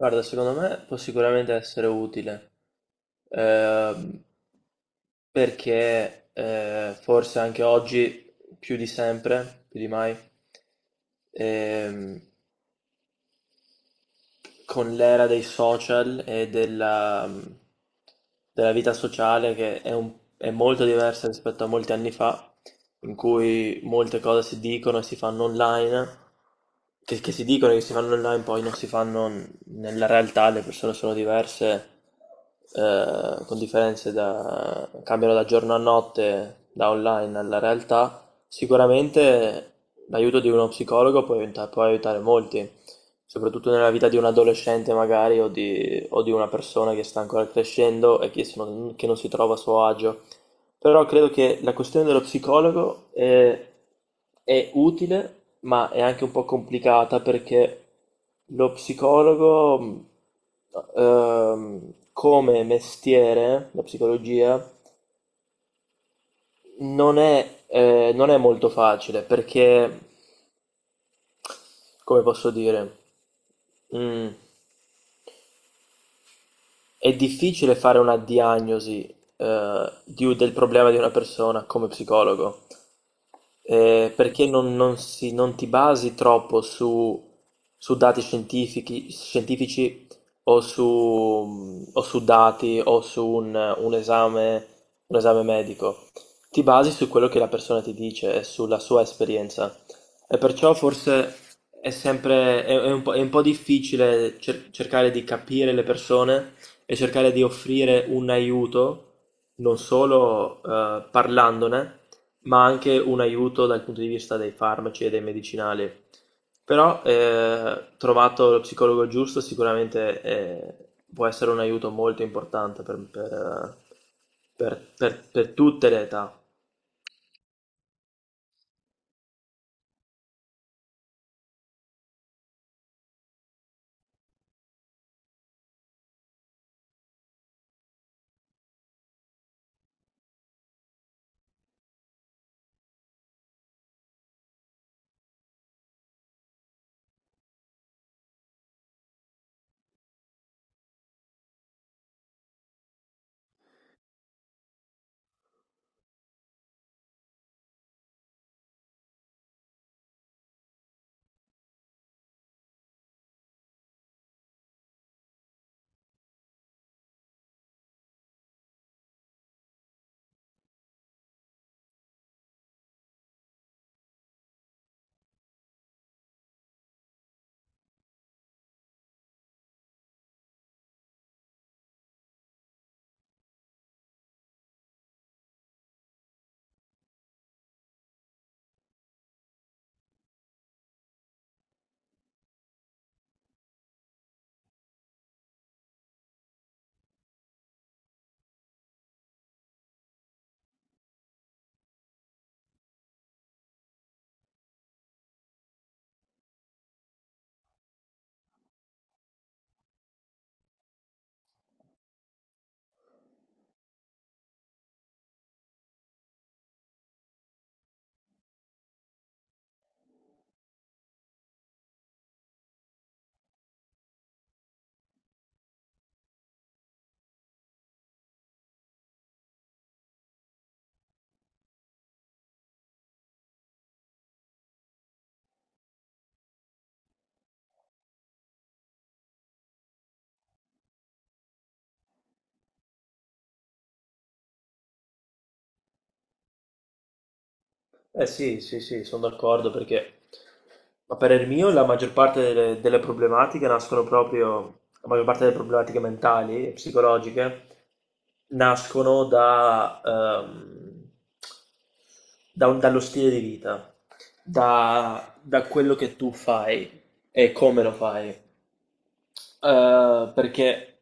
Guarda, secondo me può sicuramente essere utile, ehm, perché forse anche oggi, più di sempre, più di mai, ehm, con l'era dei social e della vita sociale che è molto diversa rispetto a molti anni fa, in cui molte cose si dicono e si fanno online, che si dicono e che si fanno online, poi non si fanno nella realtà, le persone sono diverse, con cambiano da giorno a notte, da online alla realtà. Sicuramente l'aiuto di uno psicologo può aiutare molti. Soprattutto nella vita di un adolescente magari o di una persona che sta ancora crescendo e che non si trova a suo agio. Però credo che la questione dello psicologo è utile, ma è anche un po' complicata perché lo psicologo, come mestiere, la psicologia, non è molto facile perché, come posso dire, mm, è difficile fare una diagnosi del problema di una persona come psicologo, perché non ti basi troppo su, su dati scientifici, scientifici o su dati o un esame medico. Ti basi su quello che la persona ti dice e sulla sua esperienza. E perciò forse è un è un po' difficile cercare di capire le persone e cercare di offrire un aiuto, non solo parlandone, ma anche un aiuto dal punto di vista dei farmaci e dei medicinali. Però trovato lo psicologo giusto sicuramente può essere un aiuto molto importante per tutte le età. Eh sì, sì, sì, sono d'accordo perché, a parer mio, la maggior parte delle problematiche nascono proprio, la maggior parte delle problematiche mentali e psicologiche nascono dallo stile di vita, da quello che tu fai e come lo fai. Perché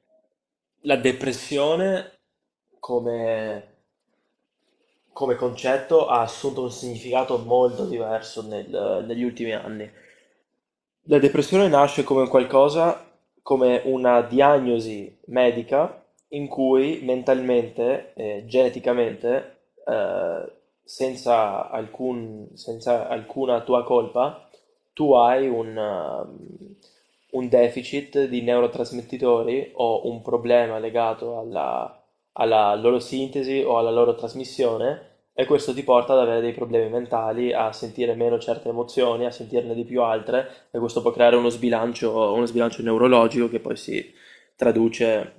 la depressione come, come concetto ha assunto un significato molto diverso negli ultimi anni. La depressione nasce come un qualcosa, come una diagnosi medica in cui mentalmente, e geneticamente, senza alcuna tua colpa, tu hai un deficit di neurotrasmettitori o un problema legato alla, alla loro sintesi o alla loro trasmissione. E questo ti porta ad avere dei problemi mentali, a sentire meno certe emozioni, a sentirne di più altre, e questo può creare uno sbilancio neurologico che poi si traduce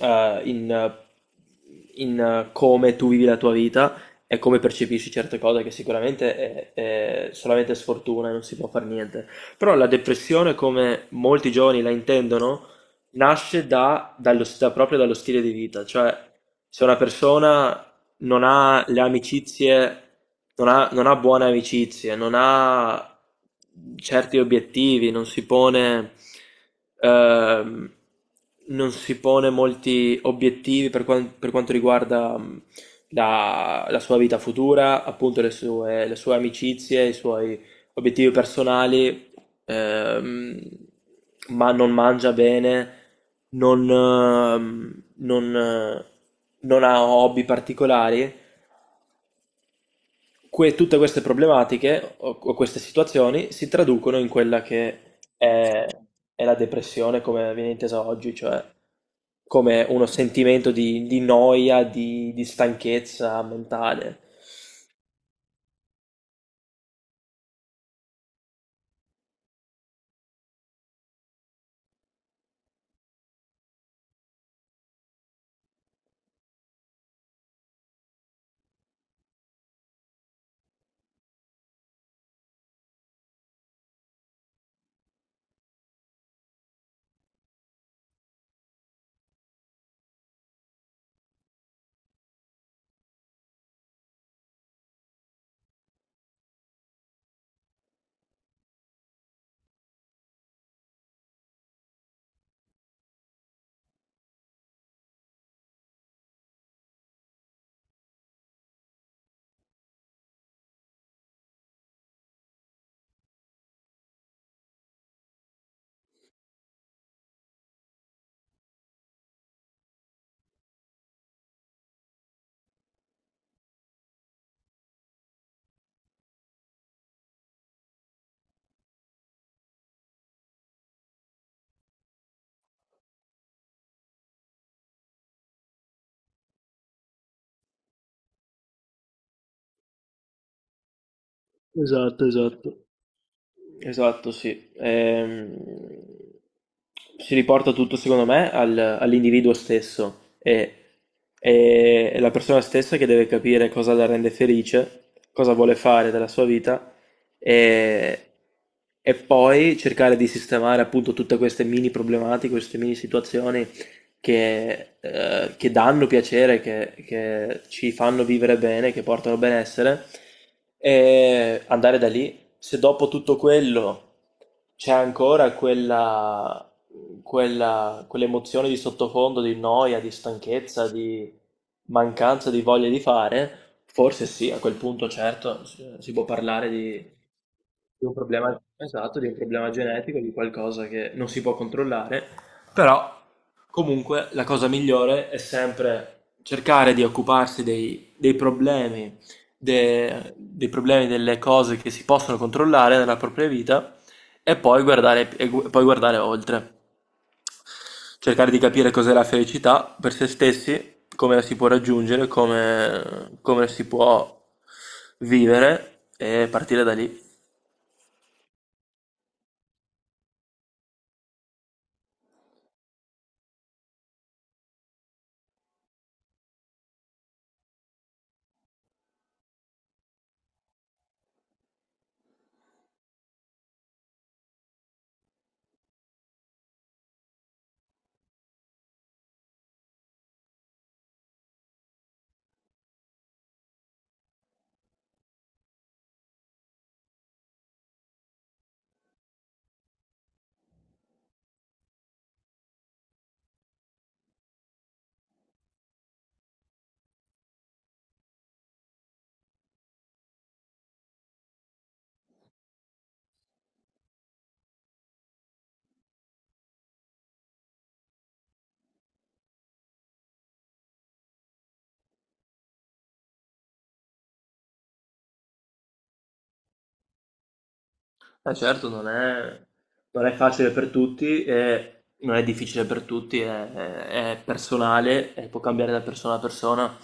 eh, in, eh, in come tu vivi la tua vita e come percepisci certe cose, che sicuramente è solamente sfortuna e non si può fare niente. Però la depressione, come molti giovani la intendono, nasce proprio dallo stile di vita, cioè se una persona non ha le amicizie, non ha buone amicizie, non ha certi obiettivi, ehm, non si pone molti obiettivi per quanto riguarda la sua vita futura, appunto le sue amicizie, i suoi obiettivi personali ehm, ma non mangia bene, non, ehm, non, eh, non ha hobby particolari, tutte queste problematiche o queste situazioni si traducono in quella che è la depressione come viene intesa oggi, cioè come uno sentimento di noia, di stanchezza mentale. Esatto, esatto. Esatto, sì. Si riporta tutto, secondo me, all'individuo stesso e è la persona stessa che deve capire cosa la rende felice, cosa vuole fare della sua vita e, e poi cercare di sistemare appunto tutte queste mini problematiche, queste mini situazioni che danno piacere, che ci fanno vivere bene, che portano benessere e andare da lì se dopo tutto quello c'è ancora quell'emozione di sottofondo, di noia, di stanchezza, di mancanza di voglia di fare, forse sì, a quel punto certo si può parlare di un problema, esatto, di un problema genetico, di qualcosa che non si può controllare, però comunque la cosa migliore è sempre cercare di occuparsi dei problemi dei problemi, delle cose che si possono controllare nella propria vita e poi poi guardare oltre. Cercare di capire cos'è la felicità per se stessi, come la si può raggiungere, come, come si può vivere e partire da lì. Certo, non è facile per tutti, e non è difficile per tutti, è personale e può cambiare da persona a persona,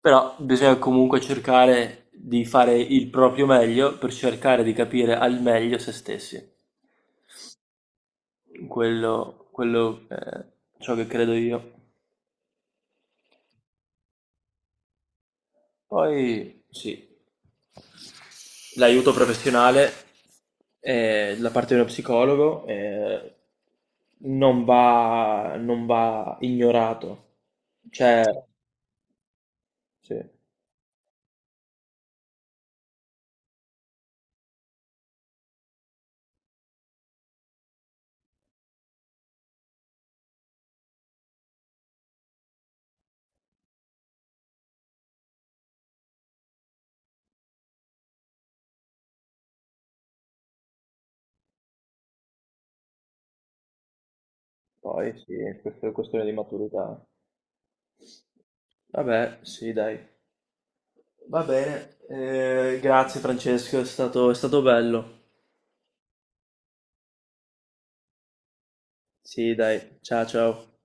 però bisogna comunque cercare di fare il proprio meglio per cercare di capire al meglio se stessi. Quello è ciò che credo io. Poi sì, l'aiuto professionale da parte di uno psicologo non va ignorato. Cioè, sì, poi sì, questa è questione di maturità. Vabbè, sì, dai. Va bene. Grazie Francesco, è stato bello. Sì, dai. Ciao, ciao.